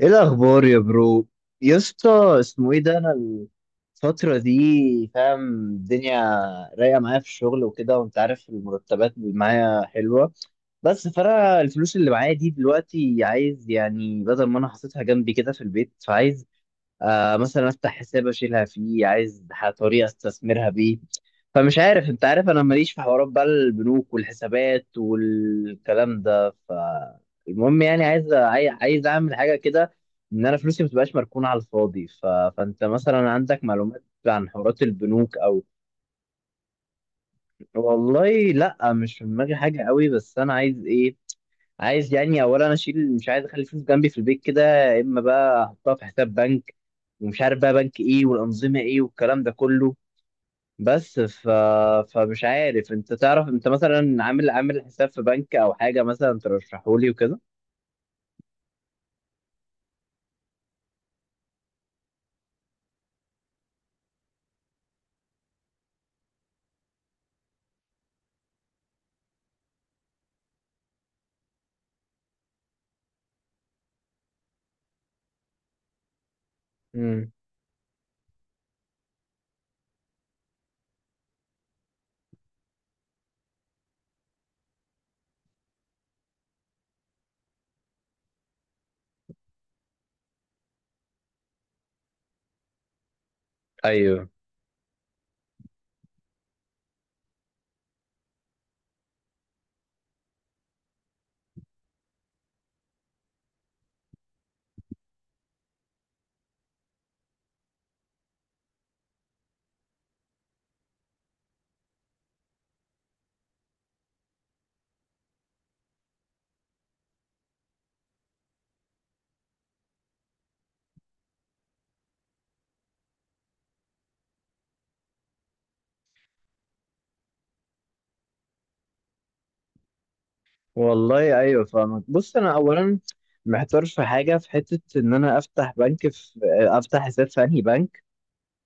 ايه الاخبار يا برو؟ يا اسطى اسمه ايه ده؟ انا الفتره دي فاهم الدنيا رايقه معايا في الشغل وكده، وانت عارف المرتبات اللي معايا حلوه. بس فانا الفلوس اللي معايا دي دلوقتي عايز يعني بدل ما انا حاططها جنبي كده في البيت، فعايز مثلا افتح حساب اشيلها فيه، عايز طريقه استثمرها بيه. فمش عارف، انت عارف انا ماليش في حوارات بقى البنوك والحسابات والكلام ده، فالمهم يعني عايز عايز اعمل حاجه كده ان انا فلوسي ما تبقاش مركونه على الفاضي. فانت مثلا عندك معلومات عن حوارات البنوك او والله لا، مش في دماغي حاجه قوي. بس انا عايز ايه؟ عايز يعني اولا اشيل، مش عايز اخلي فلوس جنبي في البيت كده، يا اما بقى احطها في حساب بنك، ومش عارف بقى بنك ايه والانظمه ايه والكلام ده كله. بس ف... فمش عارف، انت تعرف انت مثلا عامل حساب في بنك او حاجه مثلا ترشحولي وكده. امم، ايوه. والله ايوه فاهمك. بص انا اولا محتار في حاجه، في حته ان انا افتح بنك في، افتح حساب في انهي بنك.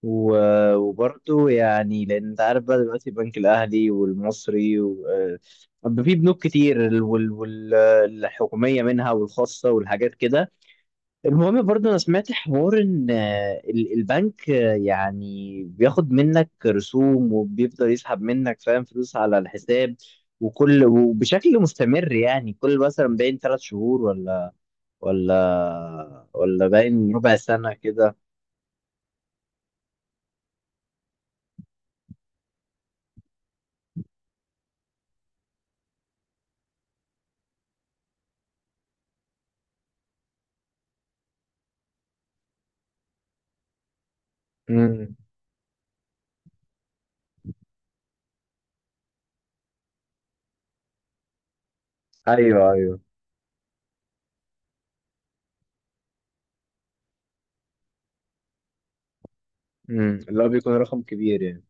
وبرضه يعني لان انت عارف بقى دلوقتي البنك الاهلي والمصري و... آه، في بنوك كتير، ال- وال... وال... آه، الحكوميه منها والخاصه والحاجات كده. المهم برضه انا سمعت حوار ان البنك يعني بياخد منك رسوم وبيفضل يسحب منك، فاهم، فلوس على الحساب وكل وبشكل مستمر، يعني كل مثلا باين 3 شهور ولا ولا باين ربع سنه كده. امم. ايوه ايوه. امم، اللي هو بيكون رقم كبير يعني.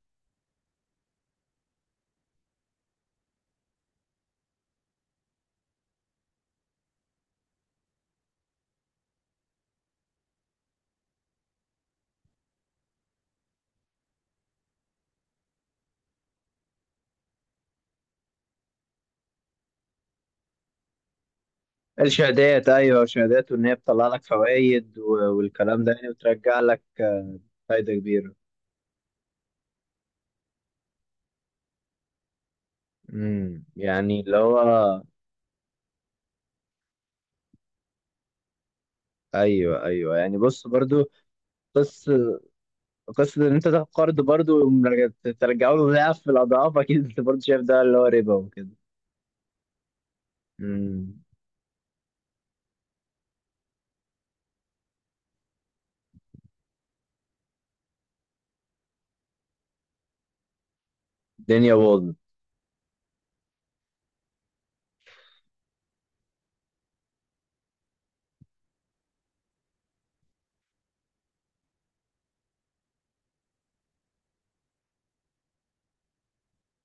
الشهادات، ايوه الشهادات، وان هي بتطلع لك فوائد والكلام ده يعني وترجع لك فايده كبيره. امم، يعني اللي هو ايوه ايوه، يعني بص برضو قصه، قصه ان انت تاخد قرض برضو ترجعه له ضعف الاضعاف، اكيد انت برضو شايف ده اللي هو ربا وكده. امم. الدنيا باظت.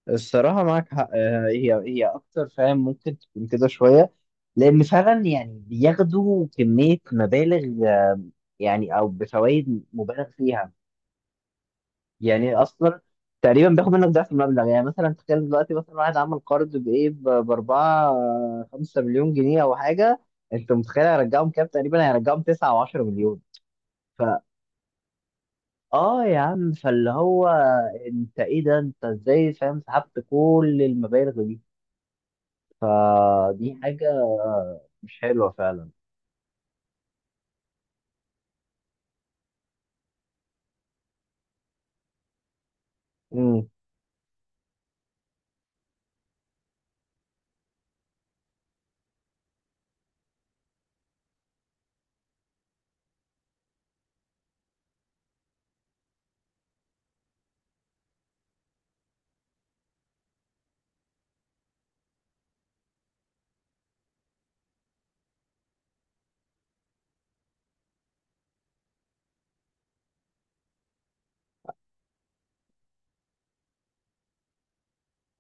الصراحه معاك حق، هي اكتر فاهم، ممكن تكون كده شويه لان فعلا يعني بياخدوا كميه مبالغ يعني، او بفوائد مبالغ فيها. يعني اصلا تقريبا بياخد منك ضعف المبلغ، يعني مثلا تخيل دلوقتي مثلا واحد عمل قرض باربعة خمسة مليون جنيه او حاجه، انت متخيل هيرجعهم كام؟ تقريبا هيرجعهم 9 او 10 مليون. فا اه يا عم، فاللي هو انت ايه ده؟ انت ازاي، فاهم، سحبت كل المبالغ دي؟ فدي حاجه مش حلوه فعلا.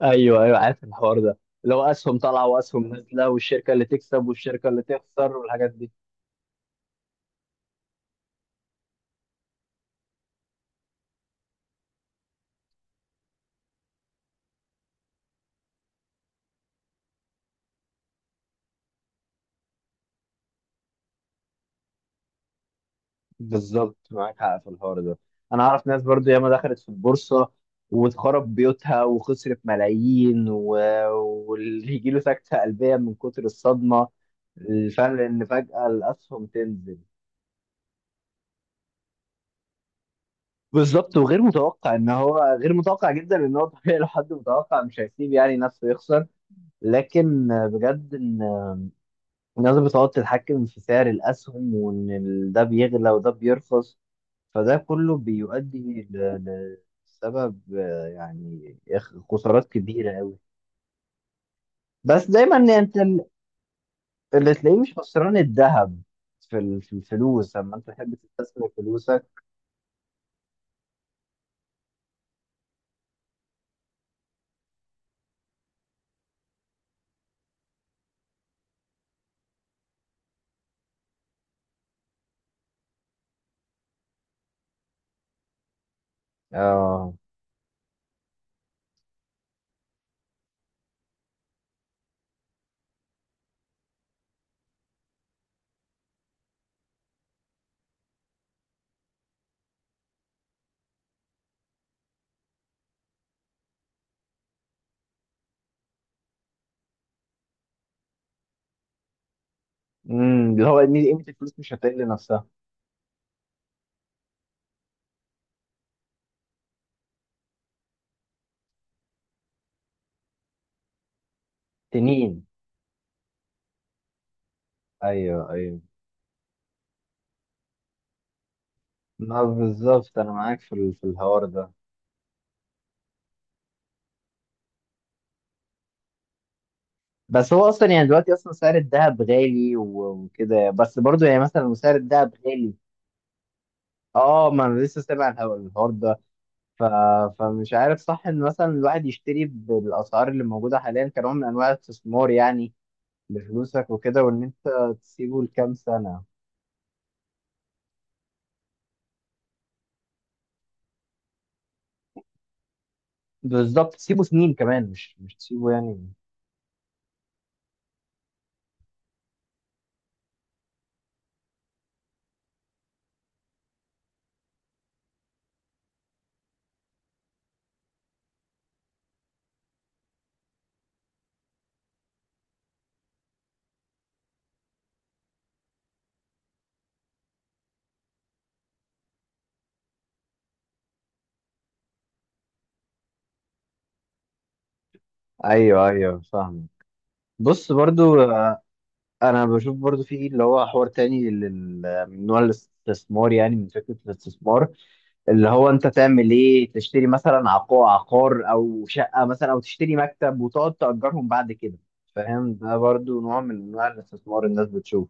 ايوه ايوه عارف الحوار ده، اللي هو اسهم طالعه واسهم نازله، والشركه اللي تكسب والشركه اللي تخسر والحاجات دي. بالظبط معاك حق في الحوار ده. انا اعرف ناس برضو ياما دخلت في البورصه واتخرب بيوتها وخسرت ملايين واللي يجي له سكته قلبيه من كتر الصدمه. الفرق ان فجاه الاسهم تنزل. بالظبط وغير متوقع، ان هو غير متوقع جدا، ان هو طبيعي، لو حد متوقع مش هيسيب يعني نفسه يخسر. لكن بجد الناس بتقعد تتحكم في سعر الأسهم، وإن ده بيغلى وده بيرخص، فده كله بيؤدي لسبب، يعني خسارات كبيرة أوي. بس دايما يعني اللي تلاقيه مش خسران الذهب، في في الفلوس لما أنت تحب تستثمر فلوسك. آه. امم، اللي هو إن قيمة الفلوس مش هتقل نفسها. تنين. أيوه أيوه. ما بالظبط أنا معاك في في الحوار ده. بس هو اصلا يعني دلوقتي اصلا سعر الذهب غالي وكده، بس برضو يعني مثلا لو سعر الذهب غالي. اه، ما انا لسه سامع الحوار ده. ف... فمش عارف صح ان مثلا الواحد يشتري بالاسعار اللي موجوده حاليا كنوع من انواع الاستثمار يعني، لفلوسك وكده، وان انت تسيبه لكام سنه. بالظبط تسيبه سنين كمان، مش تسيبه يعني. ايوه ايوه فاهم. بص برضو انا بشوف برضو في اللي هو حوار تاني، من نوع الاستثمار يعني، من فكره الاستثمار، اللي هو انت تعمل ايه تشتري مثلا عقار او شقه مثلا، او تشتري مكتب وتقعد تأجرهم بعد كده، فاهم؟ ده برضو نوع من انواع الاستثمار الناس بتشوف.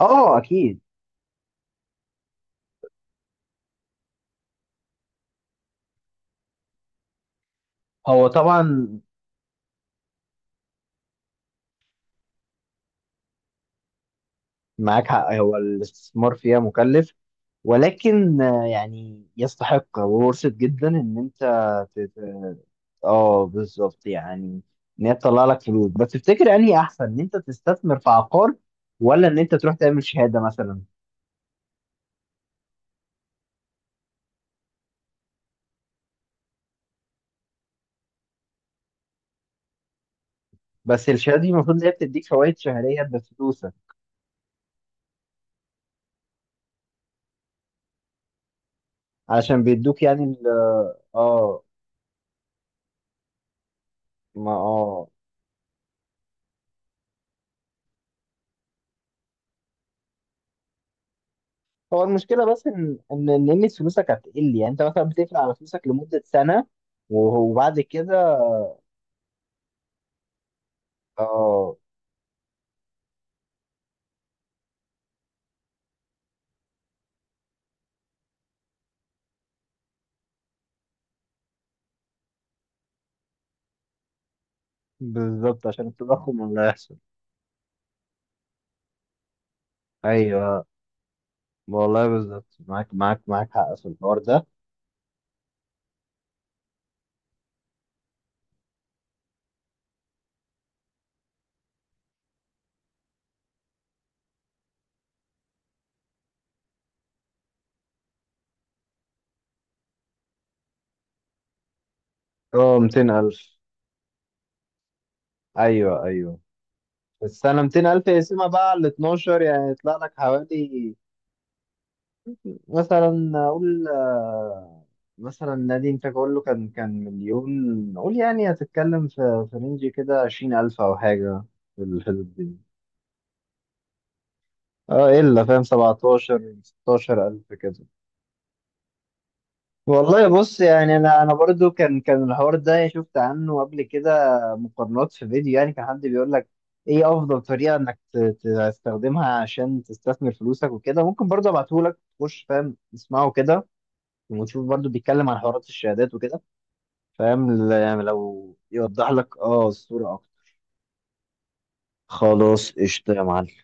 اه اكيد. هو طبعا معاك حق، هو الاستثمار فيها مكلف، ولكن يعني يستحق وورثة جدا ان انت تت- اه بالظبط يعني، ان هي تطلع لك فلوس. بس تفتكر انهي احسن، ان انت تستثمر في عقار، ولا ان انت تروح تعمل شهادة مثلا؟ بس الشهاده دي المفروض ان هي بتديك فوائد شهريه بفلوسك، علشان بيدوك يعني ال اه ما اه. هو المشكله بس ان ان قيمه فلوسك هتقل، يعني انت مثلا بتقفل على فلوسك لمده سنه وبعد كده. اه بالظبط، عشان التضخم اللي هيحصل. ايوه. والله بالظبط معاك معاك حق في الحوار ده. اه 200,000. ايوه ايوه في السنه. 200,000 اقسمها بقى على 12، يعني يطلع لك حوالي مثلا اقول مثلا نادي انت تقول له كان مليون، قول يعني هتتكلم في في رينج كده 20 ألف او حاجه، في الحدود دي. اه الا، فاهم، 17 16 ألف كده. والله بص يعني انا برضو كان الحوار ده يعني شفت عنه قبل كده مقارنات في فيديو، يعني كان حد بيقول لك ايه افضل طريقه انك تستخدمها عشان تستثمر فلوسك وكده. ممكن برضو ابعته لك تخش فاهم تسمعه كده، وتشوف برضو بيتكلم عن حوارات الشهادات وكده، فاهم؟ يعني لو يوضح لك اه الصورة اكتر. خلاص قشطة يا معلم.